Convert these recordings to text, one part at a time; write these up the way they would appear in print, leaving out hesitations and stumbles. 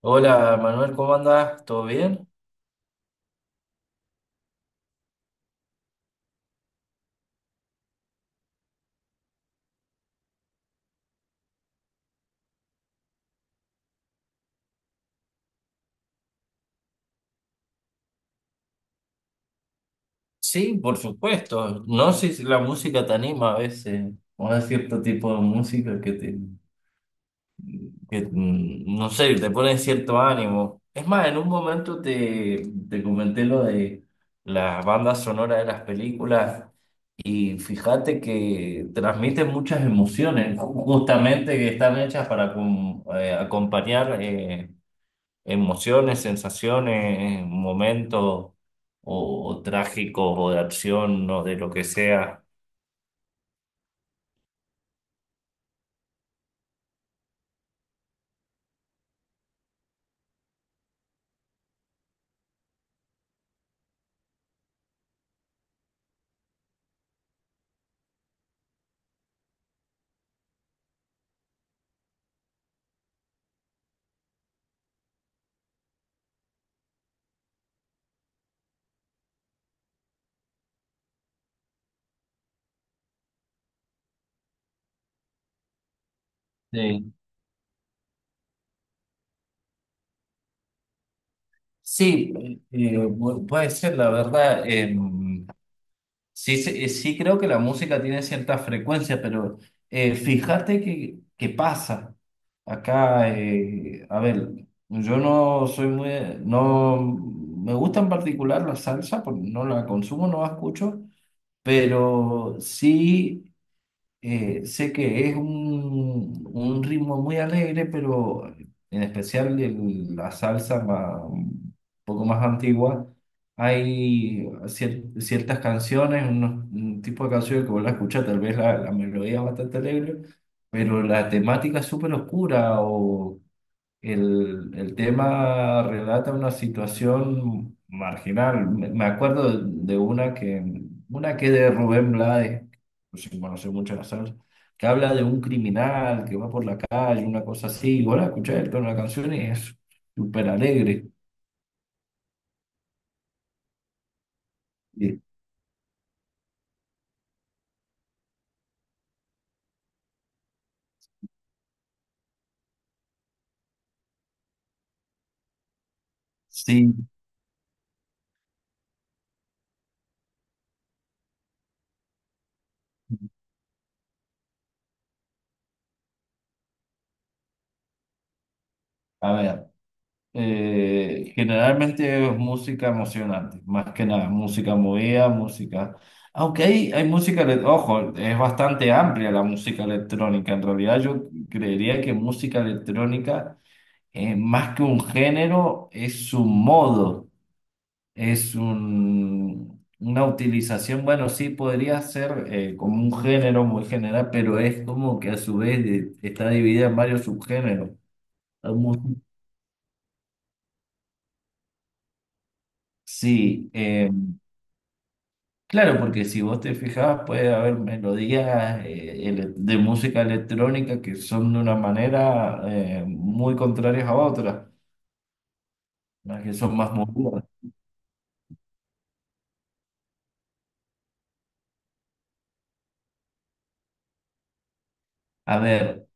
Hola Manuel, ¿cómo andás? ¿Todo bien? Sí, por supuesto. No sé si la música te anima a veces, o hay cierto tipo de música que no sé, te pone cierto ánimo. Es más, en un momento te comenté lo de las bandas sonoras de las películas y fíjate que transmiten muchas emociones, justamente que están hechas para acompañar. Emociones, sensaciones, momentos o trágicos o de acción o de lo que sea. Sí. Sí, puede ser, la verdad. Sí, creo que la música tiene cierta frecuencia, pero fíjate que pasa. Acá, a ver, yo no soy muy, no, me gusta en particular la salsa, porque no la consumo, no la escucho, pero sí. Sé que es un ritmo muy alegre, pero en especial la salsa un poco más antigua, hay ciertas canciones, un tipo de canciones que vos la escuchás, tal vez la melodía es bastante alegre, pero la temática es súper oscura o el tema relata una situación marginal. Me acuerdo de una una que es de Rubén Blades, sin conocer mucho la salsa, que habla de un criminal que va por la calle, una cosa así. Y vos la escuchás el la canción y es súper alegre. Sí. Sí. A ver. Generalmente es música emocionante, más que nada, música movida, música. Aunque hay música, ojo, es bastante amplia la música electrónica. En realidad yo creería que música electrónica, más que un género, es un modo, es un, una utilización, bueno, sí podría ser como un género muy general, pero es como que a su vez está dividida en varios subgéneros. Hay mu- Sí, eh, Claro, porque si vos te fijabas, puede haber melodías de música electrónica que son de una manera muy contrarias a otras, las que son más movidas. A ver,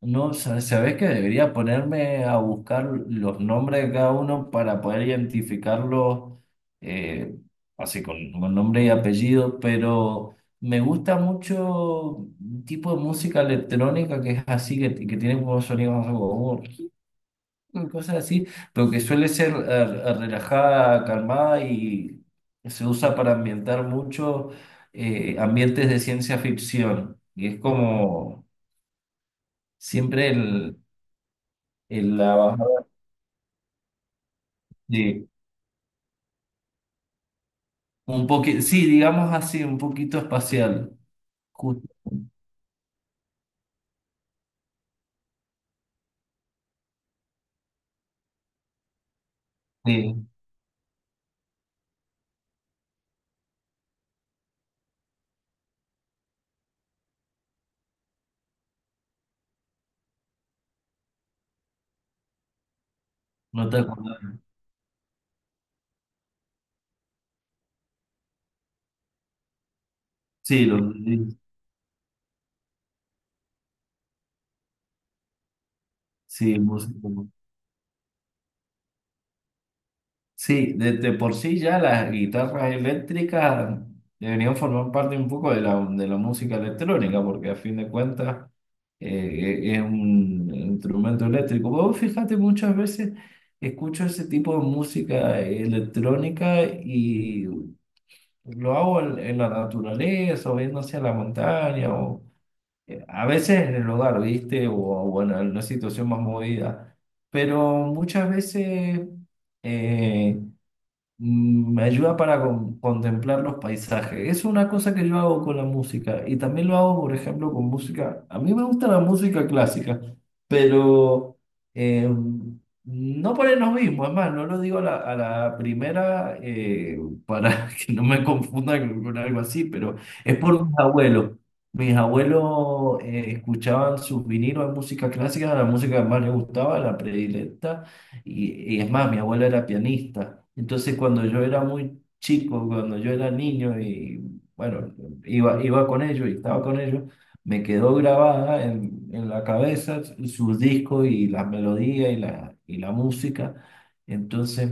no, sa- ¿sabés que debería ponerme a buscar los nombres de cada uno para poder identificarlos eh, así con nombre y apellido? Pero me gusta mucho un tipo de música electrónica que es así, que tiene como sonidos cosas así, pero que suele ser relajada, calmada y se usa para ambientar mucho ambientes de ciencia ficción. Y es como siempre el la bajada de un poquito, sí, digamos así, un poquito espacial. Justo, sí, no te acordás. Sí, lo sí, música. Sí, de por sí ya las guitarras eléctricas deberían formar parte un poco de de la música electrónica, porque a fin de cuentas eh, es un instrumento eléctrico. Vos fíjate, muchas veces escucho ese tipo de música electrónica y lo hago en la naturaleza, o viendo hacia la montaña, o a veces en el hogar, ¿viste? O en una situación más movida. Pero muchas veces. eh, Me ayuda para contemplar los paisajes. Es una cosa que yo hago con la música y también lo hago, por ejemplo, con música. A mí me gusta la música clásica, pero eh, no ponemos lo mismo. Es más, no lo digo a a la primera para que no me confunda con algo así, pero es por mis abuelos. Mis abuelos escuchaban sus vinilos de música clásica, la música que más les gustaba, la predilecta. Y es más, mi abuela era pianista. Entonces, cuando yo era muy chico, cuando yo era niño y bueno, iba con ellos y estaba con ellos, me quedó grabada en la cabeza sus discos y las melodías y y la música. Entonces,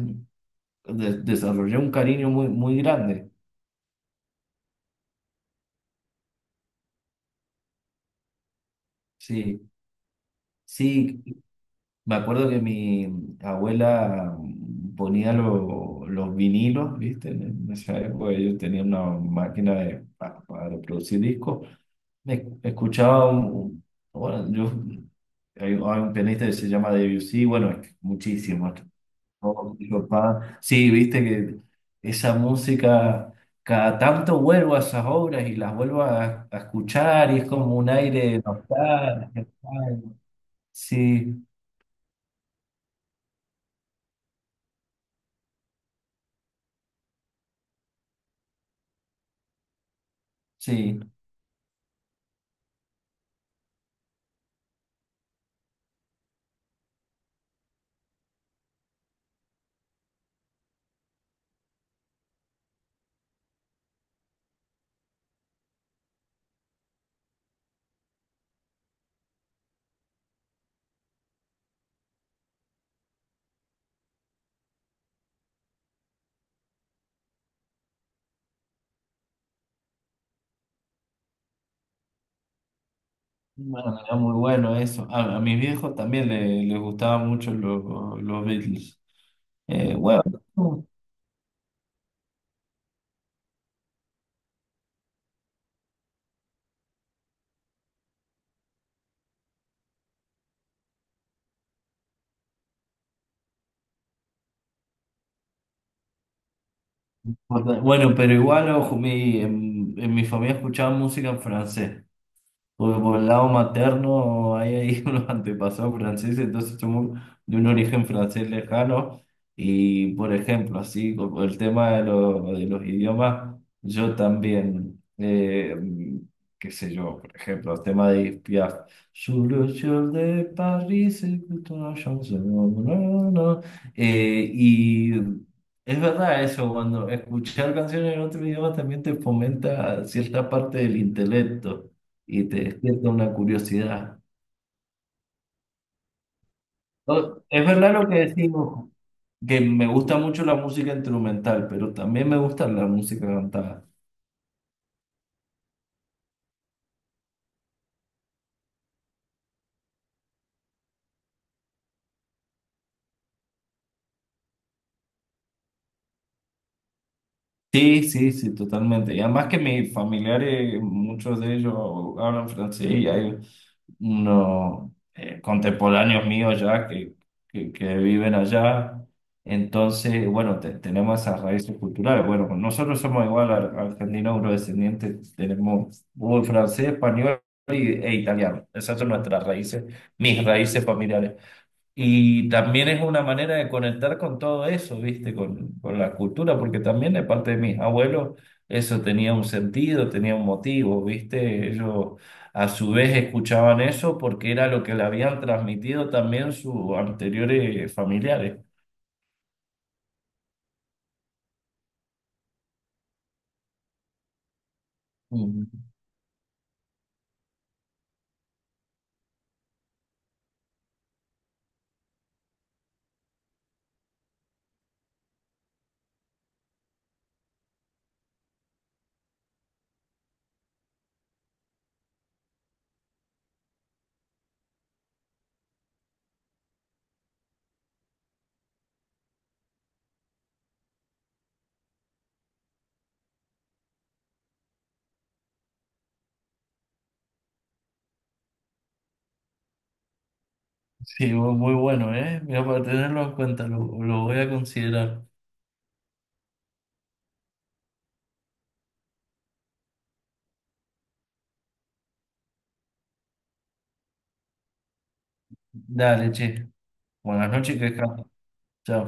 desarrollé un cariño muy, muy grande. Sí, sí. Me acuerdo que mi abuela ponía los vinilos, ¿viste? En esa época ellos tenían una máquina para reproducir discos. Me escuchaba un, bueno, yo, hay un pianista que se llama Debussy, bueno, es muchísimo. ¿No? Mi papá, sí, viste que esa música, cada tanto vuelvo a esas obras y las vuelvo a escuchar y es como un aire nostálgico. Sí, sí. Bueno, era muy bueno eso. A mis viejos también les gustaban mucho los Beatles. Eh, bueno, bueno, pero igual, ojo, en mi familia escuchaban música en francés. Porque por el lado materno hay ahí unos antepasados franceses, entonces somos de un origen francés lejano. Y por ejemplo, así como el tema de los idiomas, yo también, qué sé yo, por ejemplo, el tema de Edith Piaf. Sur le ciel de Paris, écoute una chanson, no, no, no. No, no. Y es verdad eso, cuando escuchar canciones en otro idioma también te fomenta cierta parte del intelecto y te despierta una curiosidad. No, es verdad lo que decimos, que me gusta mucho la música instrumental, pero también me gusta la música cantada. Sí, sí, sí, totalmente. Y además que mis familiares, muchos de ellos hablan francés y hay unos contemporáneos míos ya que viven allá. Entonces, bueno, tenemos esas raíces culturales. Bueno, pues nosotros somos igual argentinos eurodescendientes, tenemos francés, español e italiano. Esas son nuestras raíces, mis raíces familiares. Y también es una manera de conectar con todo eso, ¿viste? Con la cultura, porque también de parte de mis abuelos eso tenía un sentido, tenía un motivo, ¿viste? Ellos a su vez escuchaban eso porque era lo que le habían transmitido también sus anteriores familiares. Mm. Sí, muy bueno, ¿eh? Mira, para tenerlo en cuenta, lo voy a considerar. Dale, che. Buenas noches, que descanses. Chao.